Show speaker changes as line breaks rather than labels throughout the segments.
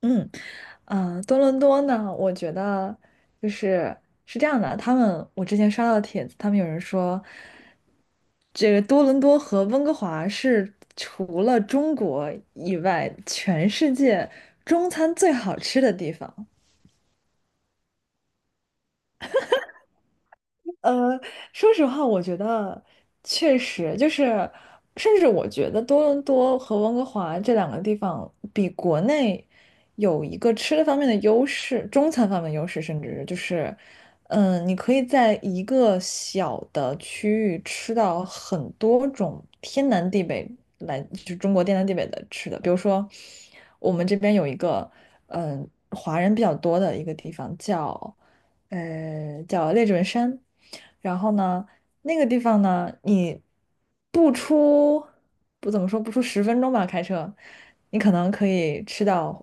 嗯，多伦多呢，我觉得就是是这样的，他们我之前刷到的帖子，他们有人说，这个多伦多和温哥华是除了中国以外，全世界中餐最好吃的地方。呃，说实话，我觉得确实就是，甚至我觉得多伦多和温哥华这两个地方比国内有一个吃的方面的优势，中餐方面的优势，甚至就是，你可以在一个小的区域吃到很多种天南地北来，就是中国天南地北的吃的，比如说我们这边有一个，华人比较多的一个地方叫。叫列治文山。然后呢，那个地方呢，你不出不怎么说，不出10分钟吧，开车，你可能可以吃到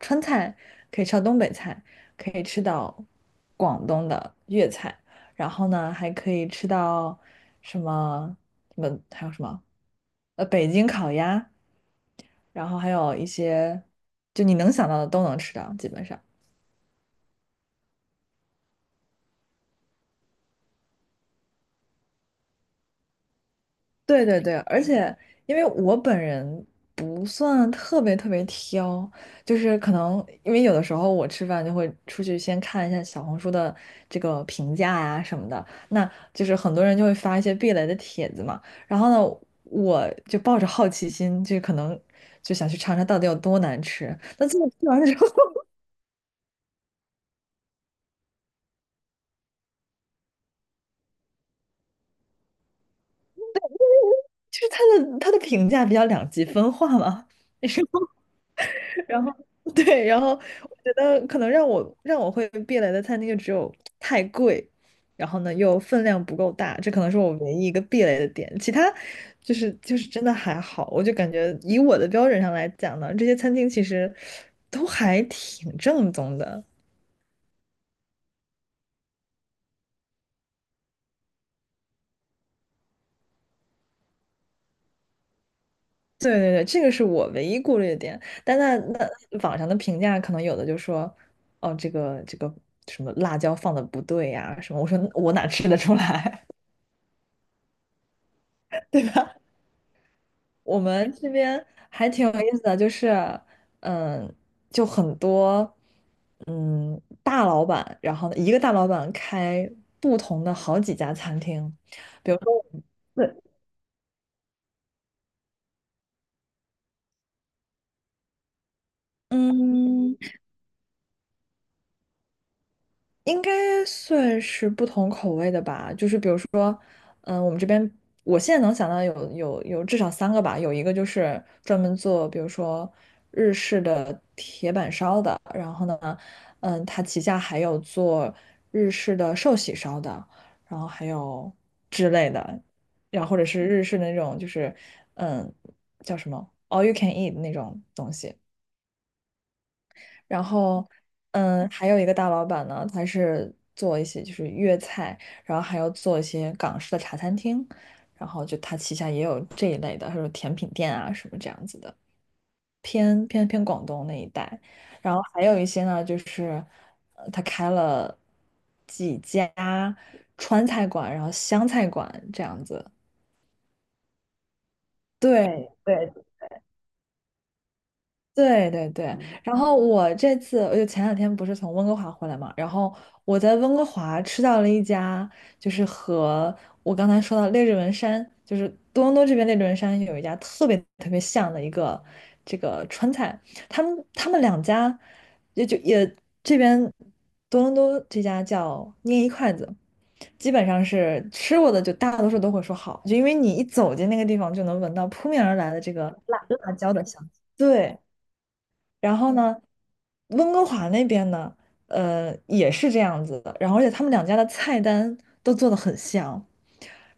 川菜，可以吃到东北菜，可以吃到广东的粤菜，然后呢，还可以吃到什么什么还有什么北京烤鸭，然后还有一些就你能想到的都能吃到，基本上。对对对，而且因为我本人不算特别特别挑，就是可能因为有的时候我吃饭就会出去先看一下小红书的这个评价呀什么的，那就是很多人就会发一些避雷的帖子嘛，然后呢，我就抱着好奇心，就可能就想去尝尝到底有多难吃，那最后吃完之后，就是他的评价比较两极分化嘛。然后 对，然后我觉得可能让我会避雷的餐厅就只有太贵，然后呢又分量不够大，这可能是我唯一一个避雷的点。其他就是真的还好，我就感觉以我的标准上来讲呢，这些餐厅其实都还挺正宗的。对对对，这个是我唯一顾虑的点。但那网上的评价可能有的就说，哦，这个什么辣椒放的不对呀、什么，我说我哪吃得出来，对吧？我们这边还挺有意思的，就是，嗯，就很多，大老板，然后呢一个大老板开不同的好几家餐厅，比如说，对，嗯。应该算是不同口味的吧，就是比如说，嗯，我们这边我现在能想到有至少3个吧，有一个就是专门做，比如说日式的铁板烧的，然后呢，它旗下还有做日式的寿喜烧的，然后还有之类的，然后或者是日式的那种就是，嗯，叫什么 all you can eat 那种东西。然后，还有一个大老板呢，他是做一些就是粤菜，然后还要做一些港式的茶餐厅，然后就他旗下也有这一类的，还有甜品店啊什么这样子的，偏广东那一带。然后还有一些呢，就是他开了几家川菜馆，然后湘菜馆这样子。对对对对对，嗯然后我这次我就前两天不是从温哥华回来嘛，然后我在温哥华吃到了一家，就是和我刚才说到列治文山，就是多伦多这边列治文山有一家特别特别像的一个这个川菜，他们两家也就也这边多伦多这家叫捏一筷子，基本上是吃过的就大多数都会说好，就因为你一走进那个地方就能闻到扑面而来的这个辣辣椒的香气，对。然后呢，温哥华那边呢，也是这样子的。然后而且他们两家的菜单都做的很像。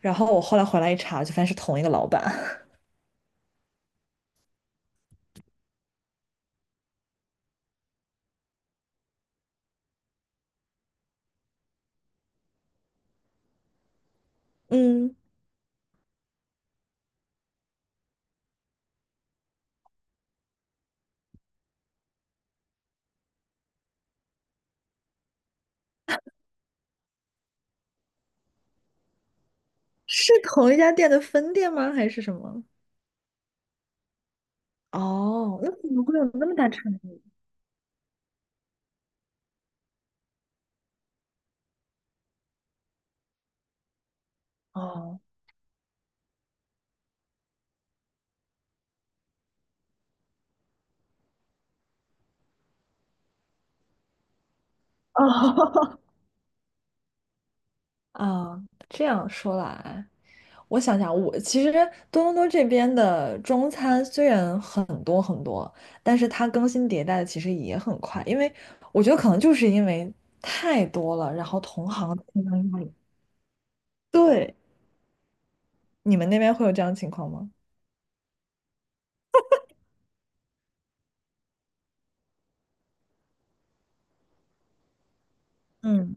然后我后来回来一查，就发现是同一个老板。嗯，是同一家店的分店吗？还是什么？哦，那怎么会有那么大差异？哦哦 啊，这样说来。我想想，我其实多伦多这边的中餐虽然很多很多，但是它更新迭代的其实也很快，因为我觉得可能就是因为太多了，然后同行竞争压力。对，你们那边会有这样的情况吗？嗯，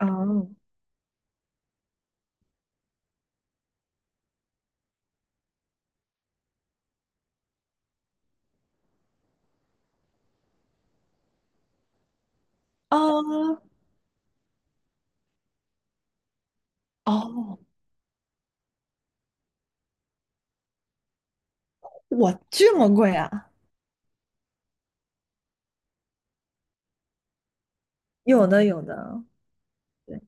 啊啊哦，我这么贵啊？有的，有的，对，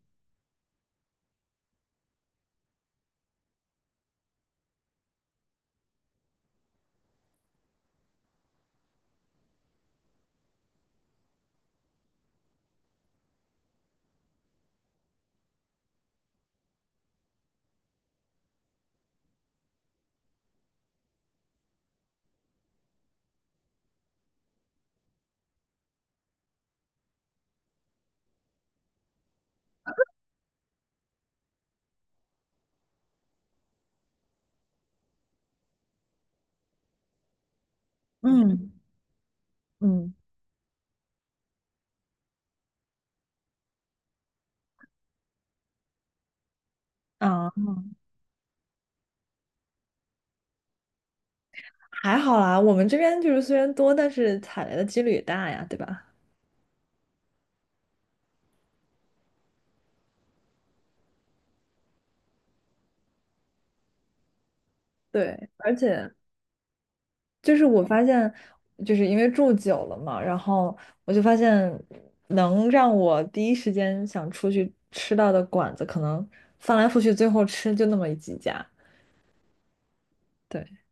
嗯嗯，啊还好啦，我们这边就是虽然多，但是踩雷的几率也大呀，对吧？对，而且就是我发现，就是因为住久了嘛，然后我就发现，能让我第一时间想出去吃到的馆子，可能翻来覆去，最后吃就那么几家。对，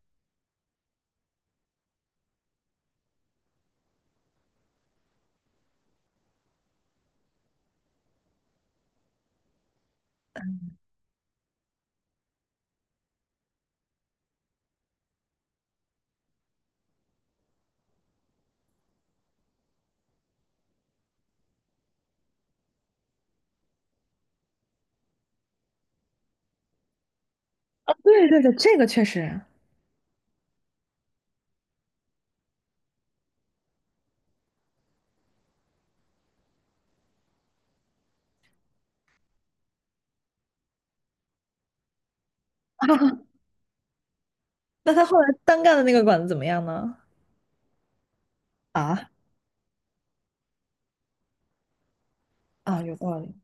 啊，对对对，这个确实那他后来单干的那个馆子怎么样呢？啊啊，有道理。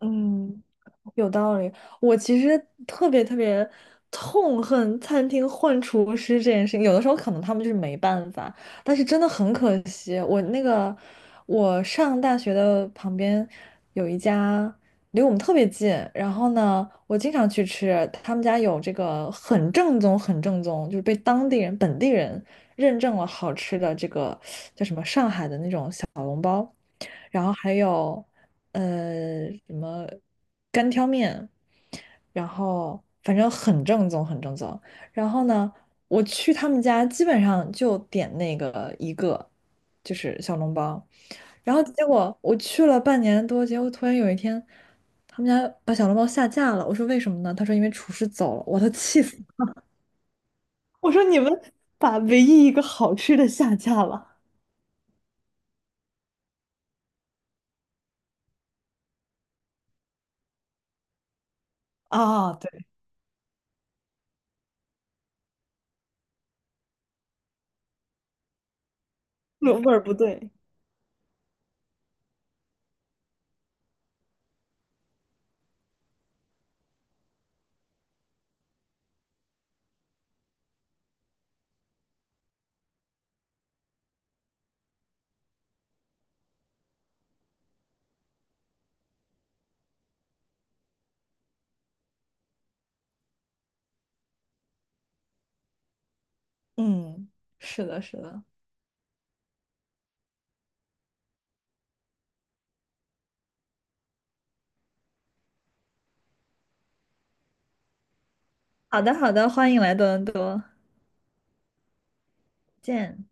嗯，有道理。我其实特别特别痛恨餐厅换厨师这件事情，有的时候可能他们就是没办法，但是真的很可惜。我那个我上大学的旁边有一家离我们特别近，然后呢，我经常去吃，他们家有这个很正宗、很正宗，就是被当地人、本地人认证了好吃的这个。然后还有什么干挑面，然后反正很正宗，很正宗。然后呢，我去他们家基本上就点那个一个，就是小笼包。然后结果我去了半年多，结果突然有一天，他们家把小笼包下架了。我说为什么呢？他说因为厨师走了。我都气死了！我说你们把唯一一个好吃的下架了，啊，对，味儿不对。嗯，是的，是的。好的，好的，欢迎来多伦多，见。